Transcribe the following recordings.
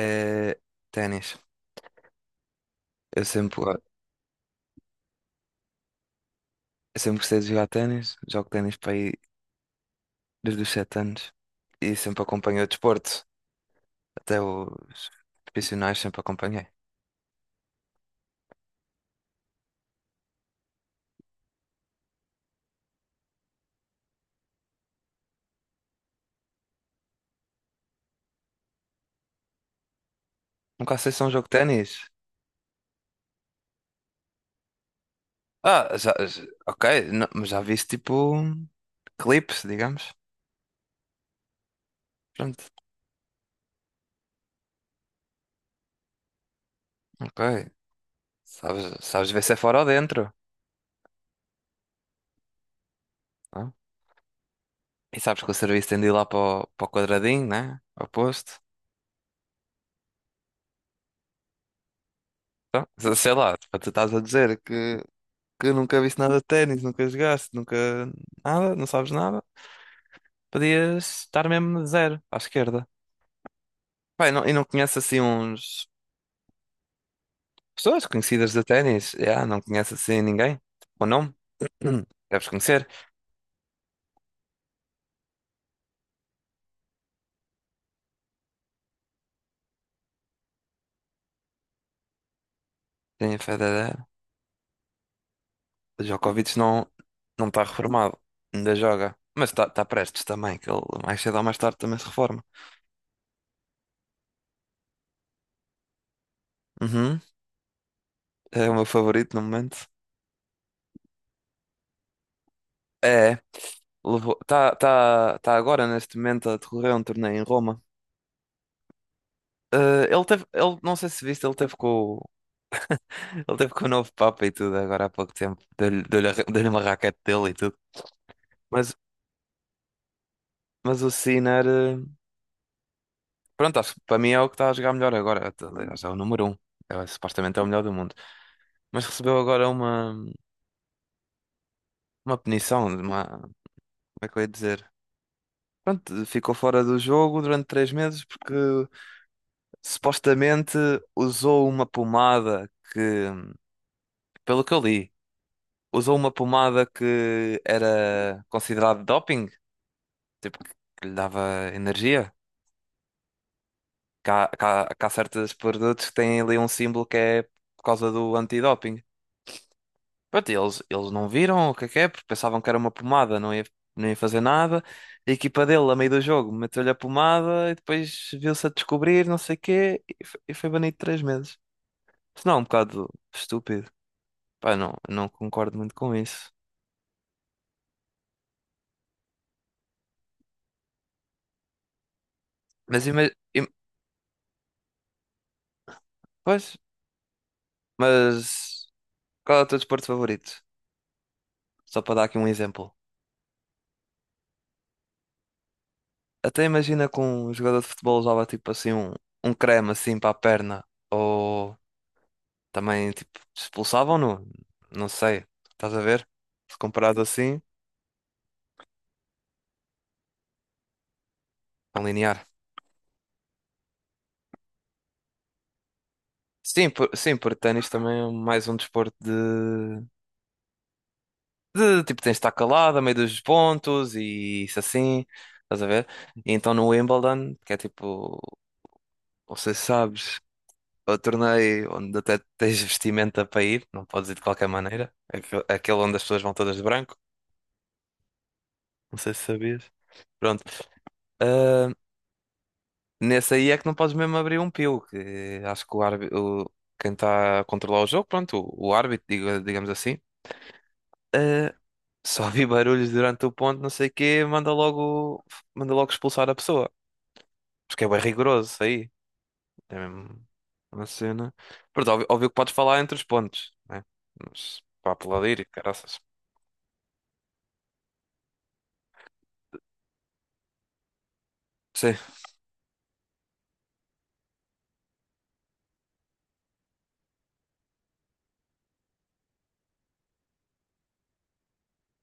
É, ténis. Eu sempre, go- eu sempre gostei de jogar ténis. Jogo ténis para aí desde os 7 anos. E sempre acompanhei o desporto. Até os profissionais sempre acompanhei. Nunca sei se é um jogo de ténis. Ah, ok. Mas já viste tipo clipes, digamos. Pronto, ok. Sabes ver se é fora ou dentro. Não? É? E sabes que o serviço tem de ir lá para o, quadradinho, né? Ao posto. Então, sei lá, tipo, tu estás a dizer que nunca viste nada de ténis, nunca jogaste, nunca nada, não sabes nada. Podias estar mesmo zero à esquerda. Pai, não, e não conheces assim uns pessoas conhecidas de ténis? Yeah, não conheces assim ninguém? Ou não? Deves conhecer. Tem Federer. O Djokovic não está reformado. Ainda joga. Mas está tá tá prestes também, que ele mais cedo ou mais tarde também se reforma. Uhum. É o meu favorito no momento. É. Tá agora neste momento a decorrer um torneio em Roma. Ele teve, ele, não sei se viste, ele teve ele teve com o novo Papa e tudo agora há pouco tempo. Deu-lhe uma raquete dele e tudo. Mas, mas o Sinner, pronto, acho que para mim é o que está a jogar melhor agora. Aliás, é o número um. É, supostamente é o melhor do mundo. Mas recebeu agora uma, punição, uma, como é que eu ia dizer? Pronto, ficou fora do jogo durante 3 meses porque supostamente usou uma pomada que pelo que eu li, usou uma pomada que era considerada doping, tipo, que lhe dava energia. Que há certos produtos que têm ali um símbolo que é por causa do antidoping. Pronto, e eles não viram o que é, porque pensavam que era uma pomada, não ia fazer nada. E a equipa dele, a meio do jogo, meteu-lhe a pomada e depois viu-se a descobrir, não sei o quê, e foi banido 3 meses. Isso não é um bocado estúpido. Pá, não, concordo muito com isso. Mas imagina. Mas qual é o teu desporto favorito? Só para dar aqui um exemplo. Até imagina que um jogador de futebol usava tipo assim um, creme assim para a perna. Ou também tipo expulsavam-no. Não sei. Estás a ver? Se comparado assim, tão linear. Sim, sim, porque ténis também é mais um desporto de tipo tens de estar calado a meio dos pontos e isso assim. Estás a ver? E então no Wimbledon, que é tipo, não sei se sabes. Ao torneio onde até tens vestimenta para ir, não podes ir de qualquer maneira. Aquele onde as pessoas vão todas de branco, não sei se sabias. Pronto. Ah, nesse aí é que não podes mesmo abrir um pio, que acho que o árbitro, quem está a controlar o jogo, pronto, o árbitro, digamos assim, ah, só vi barulhos durante o ponto, não sei o quê, manda logo expulsar a pessoa. Porque é bem rigoroso isso aí. É mesmo uma cena. Pronto, óbvio, óbvio que podes falar entre os pontos, né? Mas para aplaudir e caraças. Sim.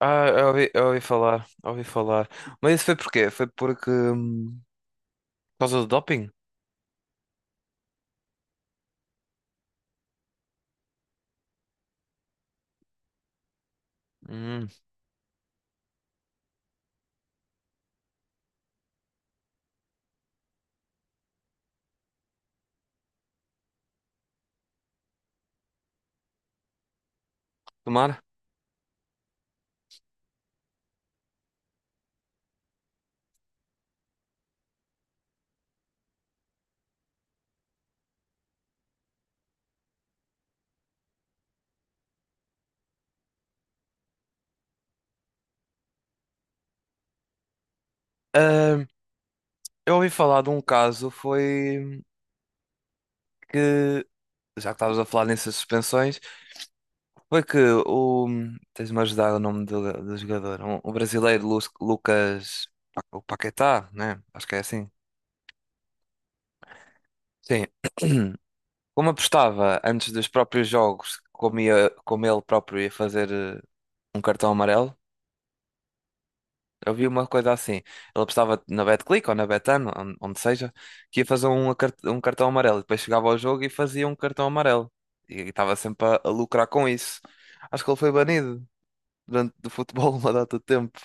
Ah, eu ouvi falar, ouvi falar. Mas isso foi porquê? Foi porque, por causa do doping? Hum, tomara. Ah, eu ouvi falar de um caso, foi que, já que estavas a falar nessas suspensões, foi que o, tens-me a ajudar o nome do, jogador, um, o brasileiro Lucas, o Paquetá, né? Acho que é assim. Sim. Como apostava antes dos próprios jogos, como ele próprio ia fazer um cartão amarelo, eu vi uma coisa assim. Ele apostava na BetClick ou na Betano, onde seja, que ia fazer um cartão amarelo. E depois chegava ao jogo e fazia um cartão amarelo. E estava sempre a lucrar com isso. Acho que ele foi banido durante do futebol uma data de tempo.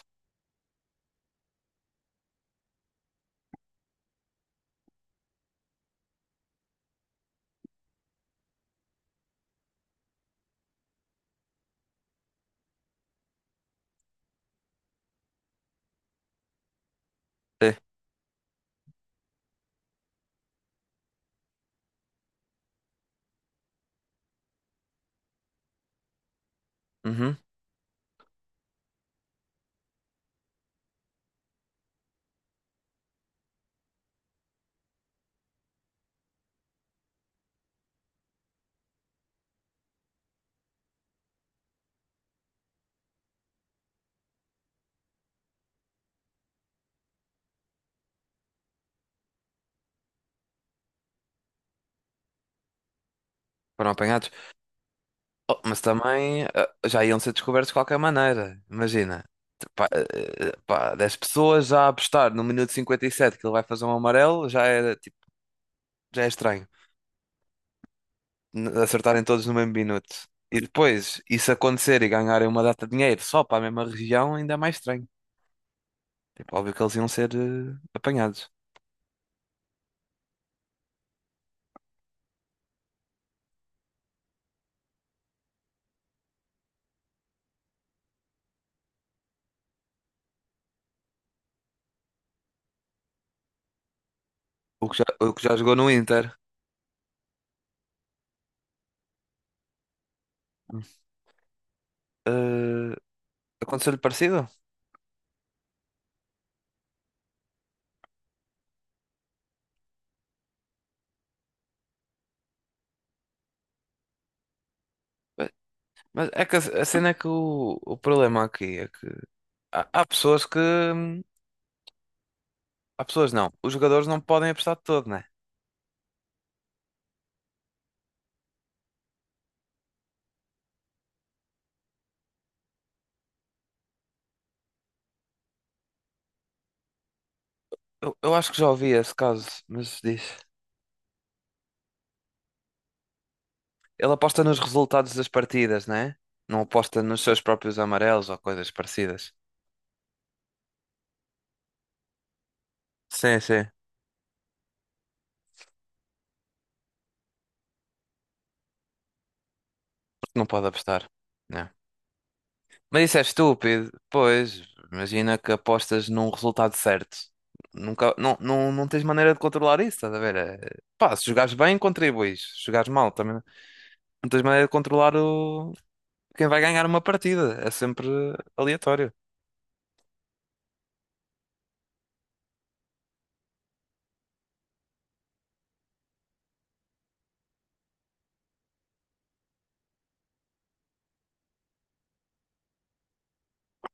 É. Uhum. Foram apanhados. Oh, mas também já iam ser descobertos de qualquer maneira. Imagina. Pá, pá, 10 pessoas já a apostar no minuto 57 que ele vai fazer um amarelo já era, tipo, já é estranho. Acertarem todos no mesmo minuto. E depois, isso acontecer e ganharem uma data de dinheiro só para a mesma região, ainda é mais estranho. Tipo, óbvio que eles iam ser apanhados. O que já jogou no Inter. Eh, Aconteceu-lhe parecido? Eh, Mas é que a, cena é que o problema aqui é que há pessoas que. Há pessoas não. Os jogadores não podem apostar de todo, né? Eu acho que já ouvi esse caso, mas diz. Ele aposta nos resultados das partidas, né? Não aposta nos seus próprios amarelos ou coisas parecidas. Sim, sim. Porque não pode apostar. Não. Mas isso é estúpido. Pois, imagina que apostas num resultado certo. Nunca, não tens maneira de controlar isso, estás a ver? É, pá, se jogares bem, contribuis. Se jogares mal, também não tens maneira de controlar o... quem vai ganhar uma partida. É sempre aleatório.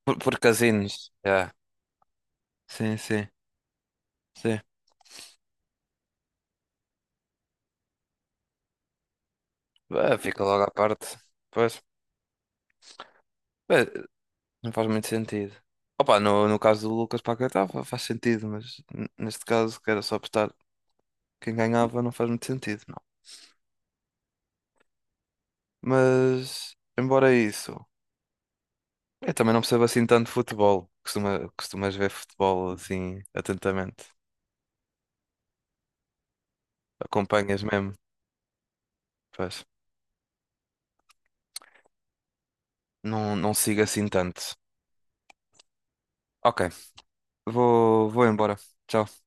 Por casinos. Yeah. Sim, sim, sim. Ah, fica logo à parte. Pois, bem, não faz muito sentido. Opa, no caso do Lucas Paquetá faz sentido, mas neste caso quero só apostar. Quem ganhava não faz muito sentido, não. Mas, embora isso, eu também não percebo assim tanto de futebol. Costumas ver futebol assim atentamente. Acompanhas mesmo, pois. Não, não sigo assim tanto. Ok, vou embora. Tchau.